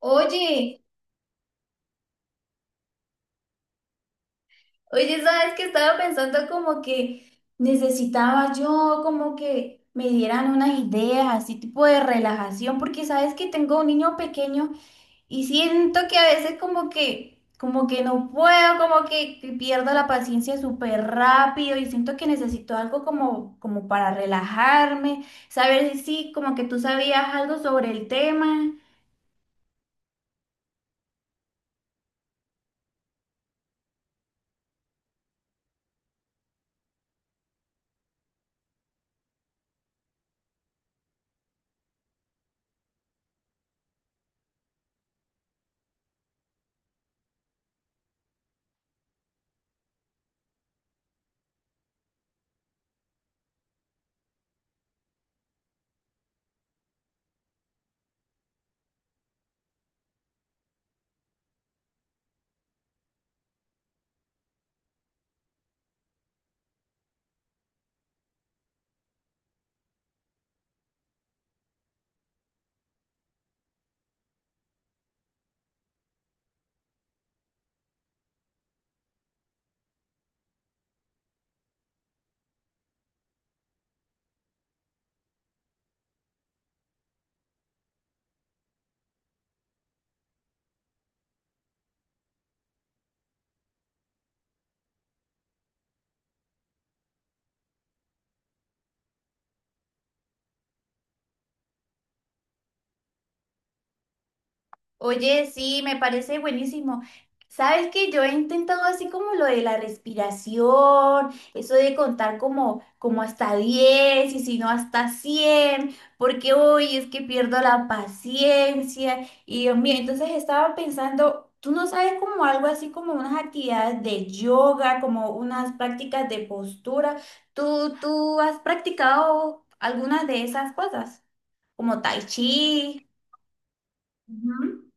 Oye, sabes que estaba pensando como que necesitaba yo como que me dieran unas ideas, así tipo de relajación, porque sabes que tengo un niño pequeño y siento que a veces como que no puedo, que pierdo la paciencia súper rápido y siento que necesito algo como para relajarme, saber si sí, como que tú sabías algo sobre el tema. Oye, sí, me parece buenísimo. Sabes que yo he intentado así como lo de la respiración, eso de contar como hasta 10 y si no hasta 100 porque hoy es que pierdo la paciencia y Dios mío. Entonces estaba pensando, tú no sabes como algo así como unas actividades de yoga, como unas prácticas de postura. Tú has practicado algunas de esas cosas, como tai chi? Ujú.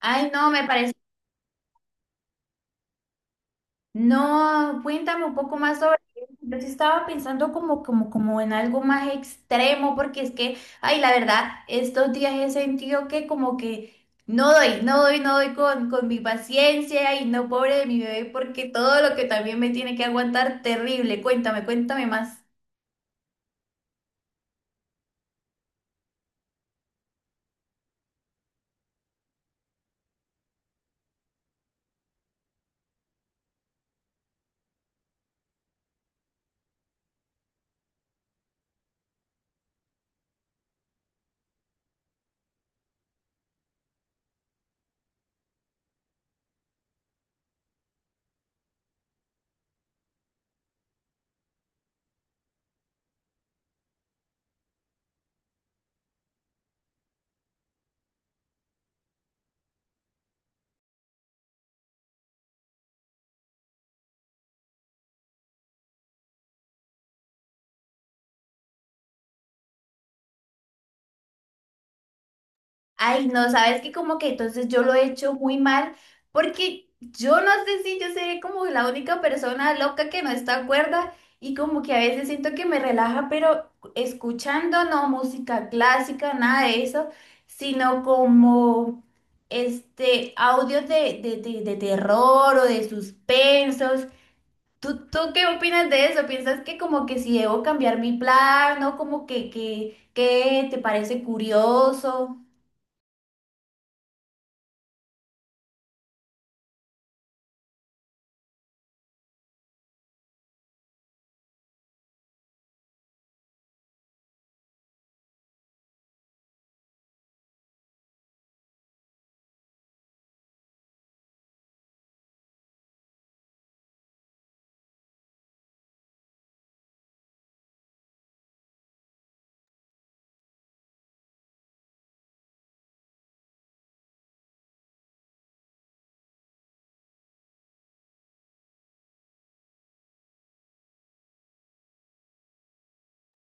Ay, no, me parece. No, cuéntame un poco más sobre eso. Yo sí estaba pensando como en algo más extremo, porque es que, ay, la verdad, estos días he sentido que como que no doy con mi paciencia y no, pobre de mi bebé, porque todo lo que también me tiene que aguantar, terrible. Cuéntame, cuéntame más. Ay, no, sabes que como que entonces yo lo he hecho muy mal porque yo no sé si yo seré como la única persona loca que no está cuerda y como que a veces siento que me relaja, pero escuchando no música clásica, nada de eso, sino como este audios de terror o de suspensos. ¿Tú qué opinas de eso? ¿Piensas que como que si debo cambiar mi plan o como que, que te parece curioso?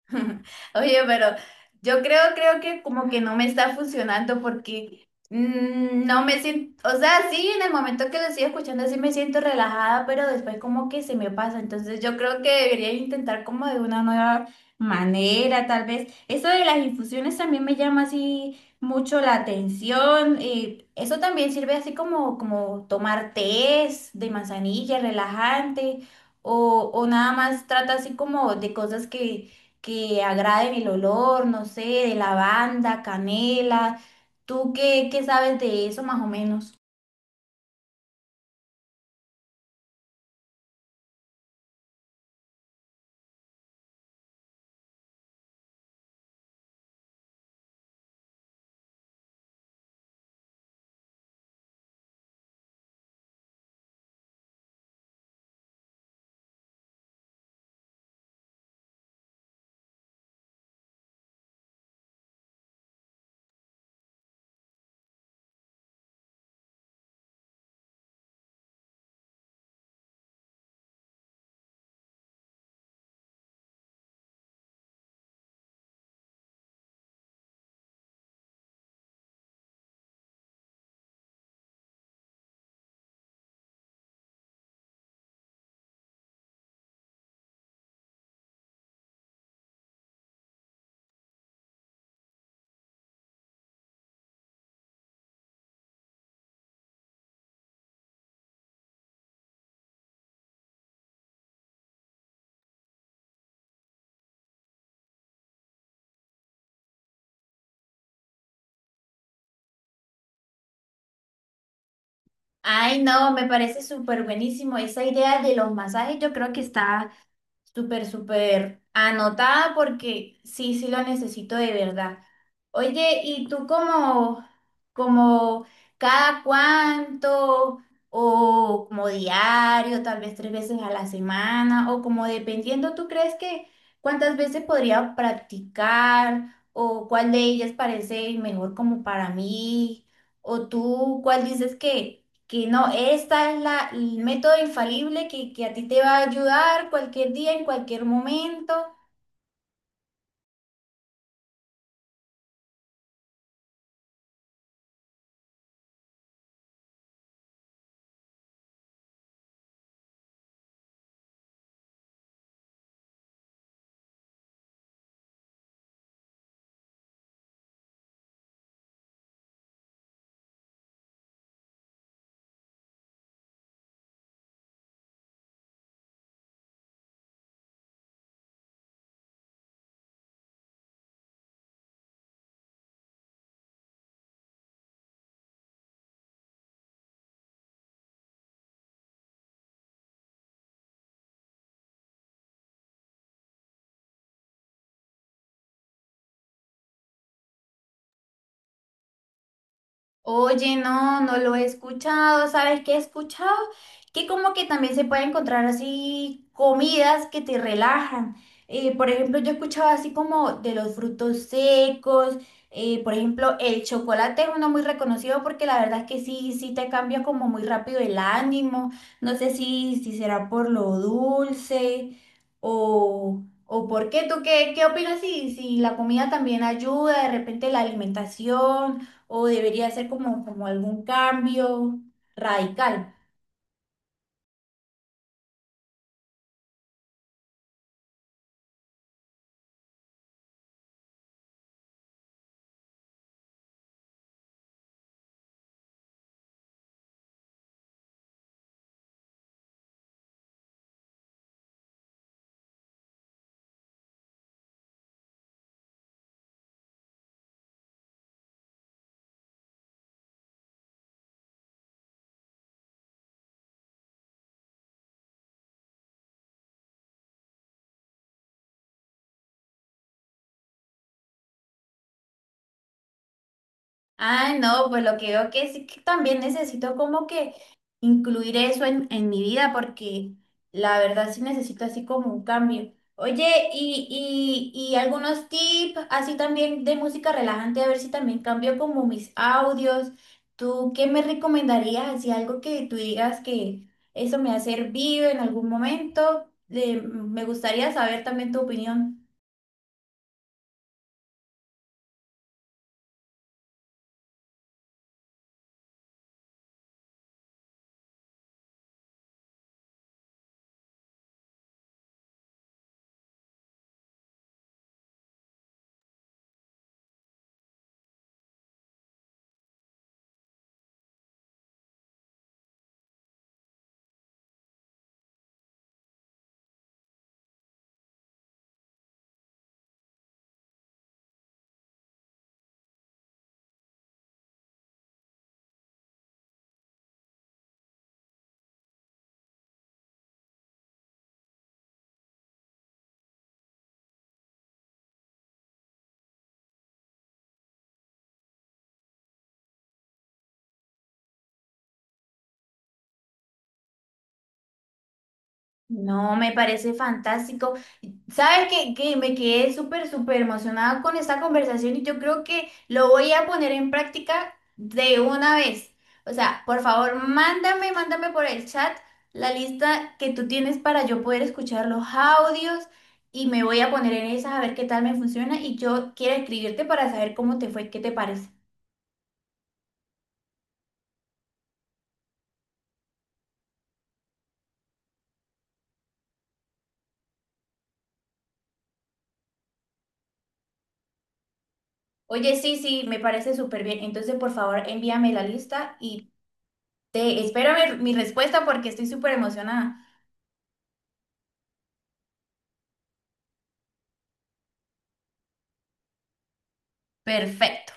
Oye, pero yo creo que como que no me está funcionando porque no me siento, o sea, sí, en el momento que lo estoy escuchando sí me siento relajada, pero después como que se me pasa. Entonces yo creo que debería intentar como de una nueva manera, tal vez. Eso de las infusiones también me llama así mucho la atención, y eso también sirve así como, como tomar tés de manzanilla, relajante, o nada más trata así como de cosas que agraden el olor, no sé, de lavanda, canela. ¿Tú qué sabes de eso más o menos? Ay, no, me parece súper buenísimo. Esa idea de los masajes yo creo que está súper, súper anotada porque sí, sí lo necesito de verdad. Oye, ¿y tú como, como cada cuánto o como diario, tal vez tres veces a la semana o como dependiendo, ¿tú crees que cuántas veces podría practicar o cuál de ellas parece mejor como para mí? ¿O tú cuál dices que no, esta es la, el método infalible que a ti te va a ayudar cualquier día, en cualquier momento? Oye, no, no lo he escuchado. ¿Sabes qué he escuchado? Que como que también se puede encontrar así comidas que te relajan. Por ejemplo, yo he escuchado así como de los frutos secos. Eh, por ejemplo, el chocolate es uno muy reconocido porque la verdad es que sí, sí te cambia como muy rápido el ánimo. No sé si será por lo dulce o por qué. ¿Tú qué, qué opinas si, si la comida también ayuda, de repente la alimentación? ¿O debería ser como, como algún cambio radical? Ah, no, pues lo que veo que sí, que también necesito como que incluir eso en mi vida porque la verdad sí necesito así como un cambio. Oye, y algunos tips así también de música relajante, a ver si también cambio como mis audios. ¿Tú qué me recomendarías? Así algo que tú digas que eso me ha servido en algún momento. Me gustaría saber también tu opinión. No, me parece fantástico. ¿Sabes qué? Que me quedé súper, súper emocionada con esta conversación y yo creo que lo voy a poner en práctica de una vez. O sea, por favor, mándame, mándame por el chat la lista que tú tienes para yo poder escuchar los audios y me voy a poner en esa a ver qué tal me funciona y yo quiero escribirte para saber cómo te fue, qué te parece. Oye, sí, sí, me parece súper bien. Entonces, por favor, envíame la lista y te espero mi, mi respuesta porque estoy súper emocionada. Perfecto.